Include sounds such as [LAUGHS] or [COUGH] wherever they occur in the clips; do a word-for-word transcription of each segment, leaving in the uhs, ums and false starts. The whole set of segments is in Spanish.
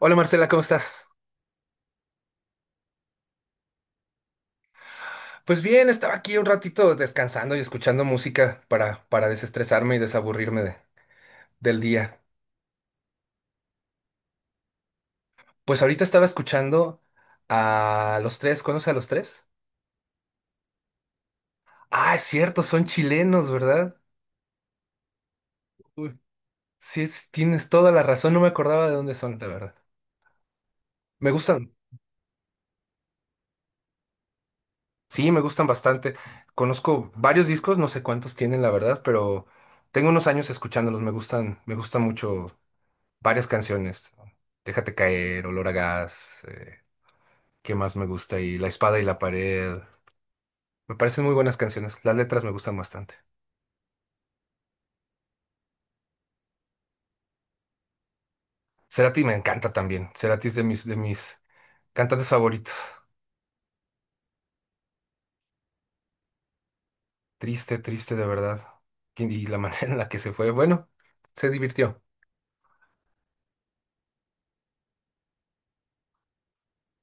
Hola Marcela, ¿cómo estás? Pues bien, estaba aquí un ratito descansando y escuchando música para, para desestresarme y desaburrirme de- del día. Pues ahorita estaba escuchando a Los Tres, ¿conoces a Los Tres? Ah, es cierto, son chilenos, ¿verdad? Uy, sí, es- tienes toda la razón, no me acordaba de dónde son, la verdad. Me gustan, sí, me gustan bastante. Conozco varios discos, no sé cuántos tienen, la verdad, pero tengo unos años escuchándolos, me gustan, me gustan mucho varias canciones. ¿No? Déjate caer, Olor a gas, eh, ¿qué más me gusta? Y La espada y la pared. Me parecen muy buenas canciones. Las letras me gustan bastante. Cerati me encanta también. Cerati es de mis, de mis cantantes favoritos. Triste, triste de verdad. Y y la [LAUGHS] manera en la que se fue, bueno, se divirtió.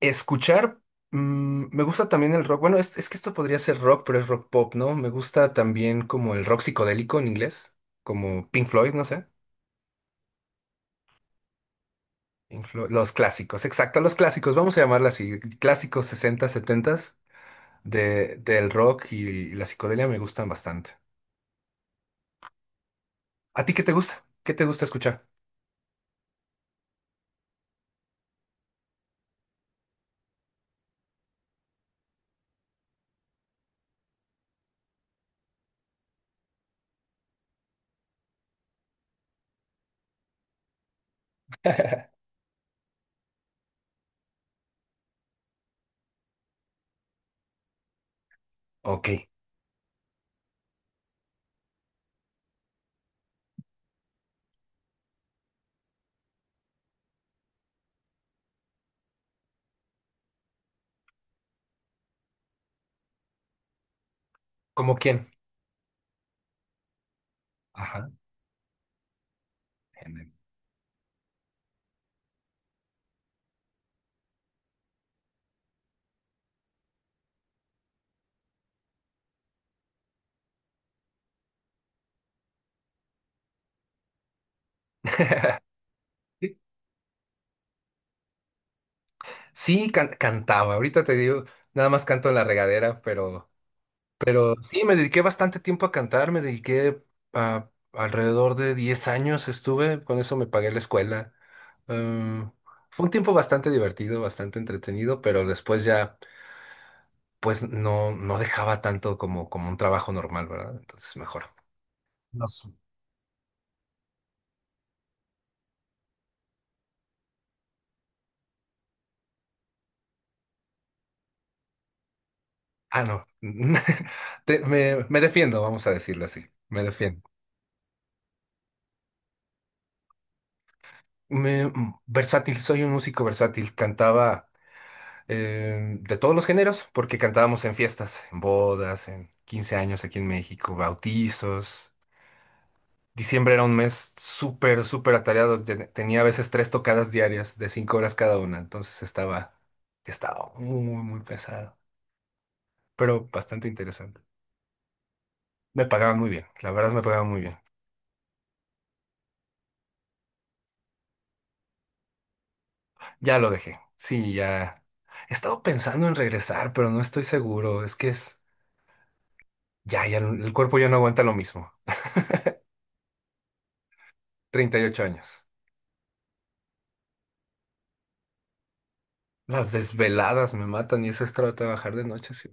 Escuchar, mm, me gusta también el rock. Bueno, es, es que esto podría ser rock, pero es rock pop, ¿no? Me gusta también como el rock psicodélico en inglés, como Pink Floyd, no sé. Influ- los clásicos, exacto, los clásicos, vamos a llamarla así, clásicos sesenta, setenta de, del rock y la psicodelia me gustan bastante. ¿A ti qué te gusta? ¿Qué te gusta escuchar? [LAUGHS] Ok. ¿Cómo quién? Ajá. Eminem. Sí, sí, can- cantaba, ahorita te digo, nada más canto en la regadera. pero Pero sí, me dediqué bastante tiempo a cantar, me dediqué a alrededor de diez años estuve, con eso me pagué la escuela. Em, Fue un tiempo bastante divertido, bastante entretenido, pero después ya, pues no, no dejaba tanto como, como un trabajo normal, ¿verdad? Entonces mejor. Nos- Ah, no. [LAUGHS] Te- me, me defiendo, vamos a decirlo así. Me defiendo. Me, mm, versátil, soy un músico versátil. Cantaba. Eh, de todos los géneros, porque cantábamos en fiestas, en bodas, en quince años aquí en México, bautizos. Diciembre era un mes súper, súper atareado. te- Tenía a veces tres tocadas diarias de cinco horas cada una, entonces estaba, estaba muy, muy, muy pesado, pero bastante interesante. Me pagaban muy bien, la verdad me pagaban muy bien. Ya lo dejé. Sí, ya. He estado pensando en regresar, pero no estoy seguro. Es que es. Ya, ya, no, el cuerpo ya no aguanta lo mismo. Treinta y ocho años. Las desveladas me matan y eso es tra- trabajar de noche, sí.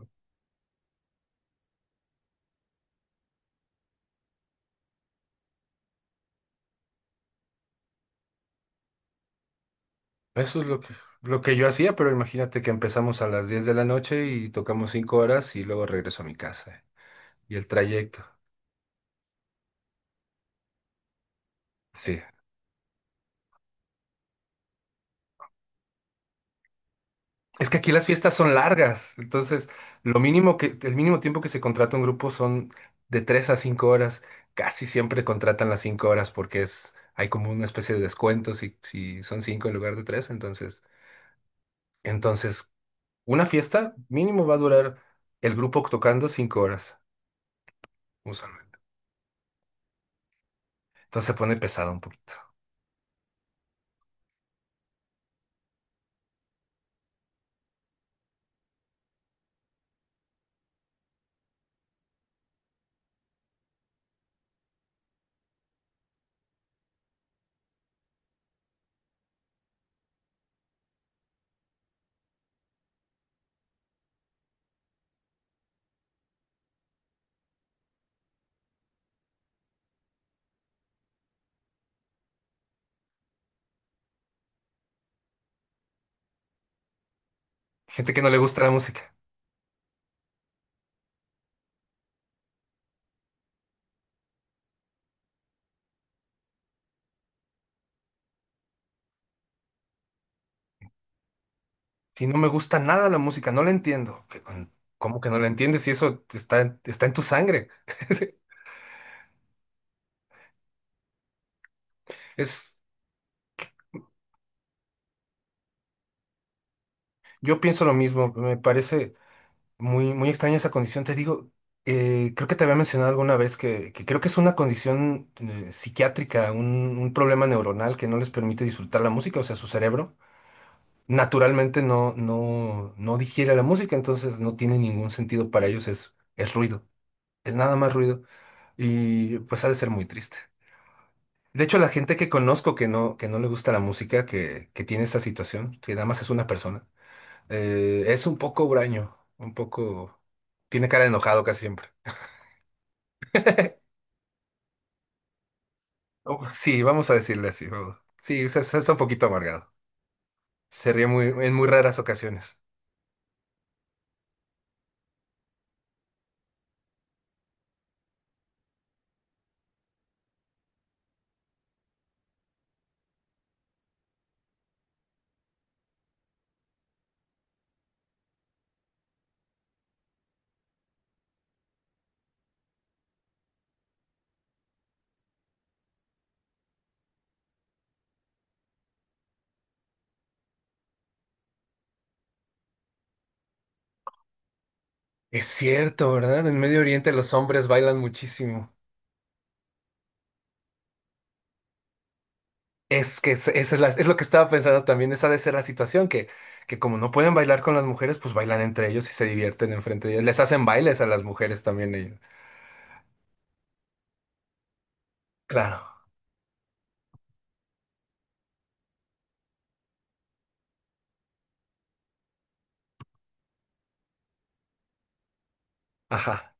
Eso es lo que, lo que yo hacía, pero imagínate que empezamos a las diez de la noche y tocamos cinco horas y luego regreso a mi casa, ¿eh? Y el trayecto. Sí. Es que aquí las fiestas son largas, entonces lo mínimo que, el mínimo tiempo que se contrata un grupo son de tres a cinco horas. Casi siempre contratan las cinco horas porque es, hay como una especie de descuento si, si son cinco en lugar de tres, entonces, entonces una fiesta mínimo va a durar el grupo tocando cinco horas, usualmente. Entonces se pone pesado un poquito. Gente que no le gusta la música. Si no me gusta nada la música, no la entiendo. ¿Qué con- ¿Cómo que no la entiendes si eso está, en- está en tu sangre? [LAUGHS] Es, es- yo pienso lo mismo. Me parece muy, muy extraña esa condición. Te digo, eh, creo que te había mencionado alguna vez que, que creo que es una condición eh, psiquiátrica, un, un problema neuronal que no les permite disfrutar la música, o sea, su cerebro naturalmente no, no, no digiere la música, entonces no tiene ningún sentido para ellos, es, es ruido. Es nada más ruido y pues ha de ser muy triste. De hecho, la gente que conozco que no, que no le gusta la música, que, que tiene esta situación, que nada más es una persona, eh, es un poco huraño, un poco. Tiene cara de enojado casi siempre. [LAUGHS] Oh, sí, vamos a decirle así. Vamos. Sí, o sea, está un poquito amargado. Se ríe muy, en muy raras ocasiones. Es cierto, ¿verdad? En Medio Oriente los hombres bailan muchísimo. Es que es, esa es, la- es lo que estaba pensando también, esa de ser la situación, que, que como no pueden bailar con las mujeres, pues bailan entre ellos y se divierten enfrente de ellos. Les hacen bailes a las mujeres también ellos. Claro, ajá.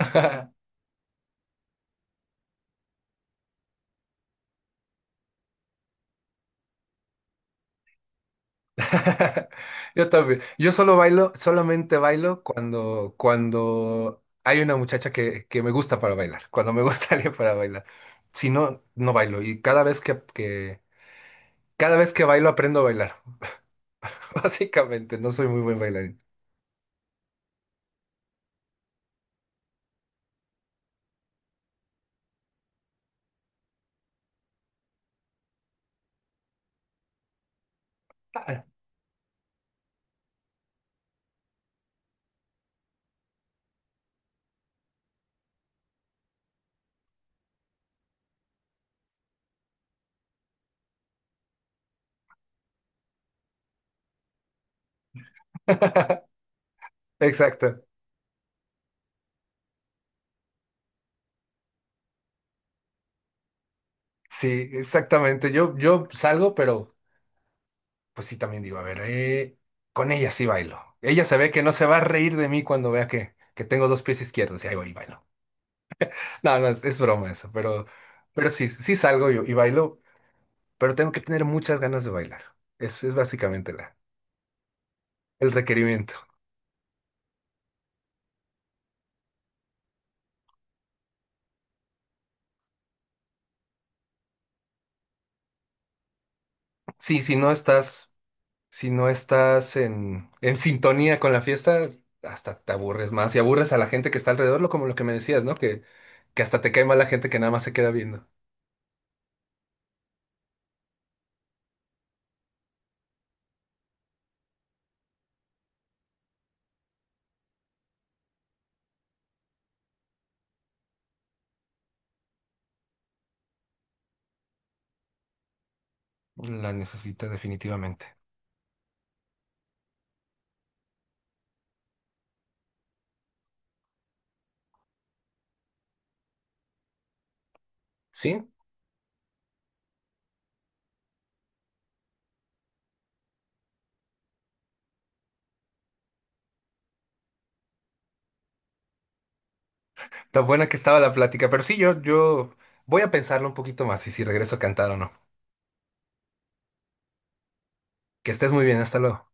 [LAUGHS] Yo también. Yo solo bailo, solamente bailo cuando, cuando hay una muchacha que, que me gusta para bailar, cuando me gusta [LAUGHS] alguien para bailar. Si no, no bailo. Y cada vez que, que, cada vez que bailo aprendo a bailar. [LAUGHS] Básicamente, no soy muy buen bailarín. Ah, exacto. Sí, exactamente. Yo, yo salgo, pero pues sí también digo, a ver, eh, con ella sí bailo. Ella se ve que no se va a reír de mí cuando vea que, que tengo dos pies izquierdos y ahí voy y bailo. No, no, es, es broma eso, pero, pero sí, sí salgo yo y bailo, pero tengo que tener muchas ganas de bailar. Es, es básicamente la, el requerimiento. Sí, si no estás, si no estás en, en sintonía con la fiesta, hasta te aburres más y aburres a la gente que está alrededor, lo como lo que me decías, ¿no? Que, que hasta te cae mal la gente que nada más se queda viendo. La necesita definitivamente. Sí, tan buena que estaba la plática, pero sí, yo, yo voy a pensarlo un poquito más y si regreso a cantar o no. Que estés muy bien, hasta luego.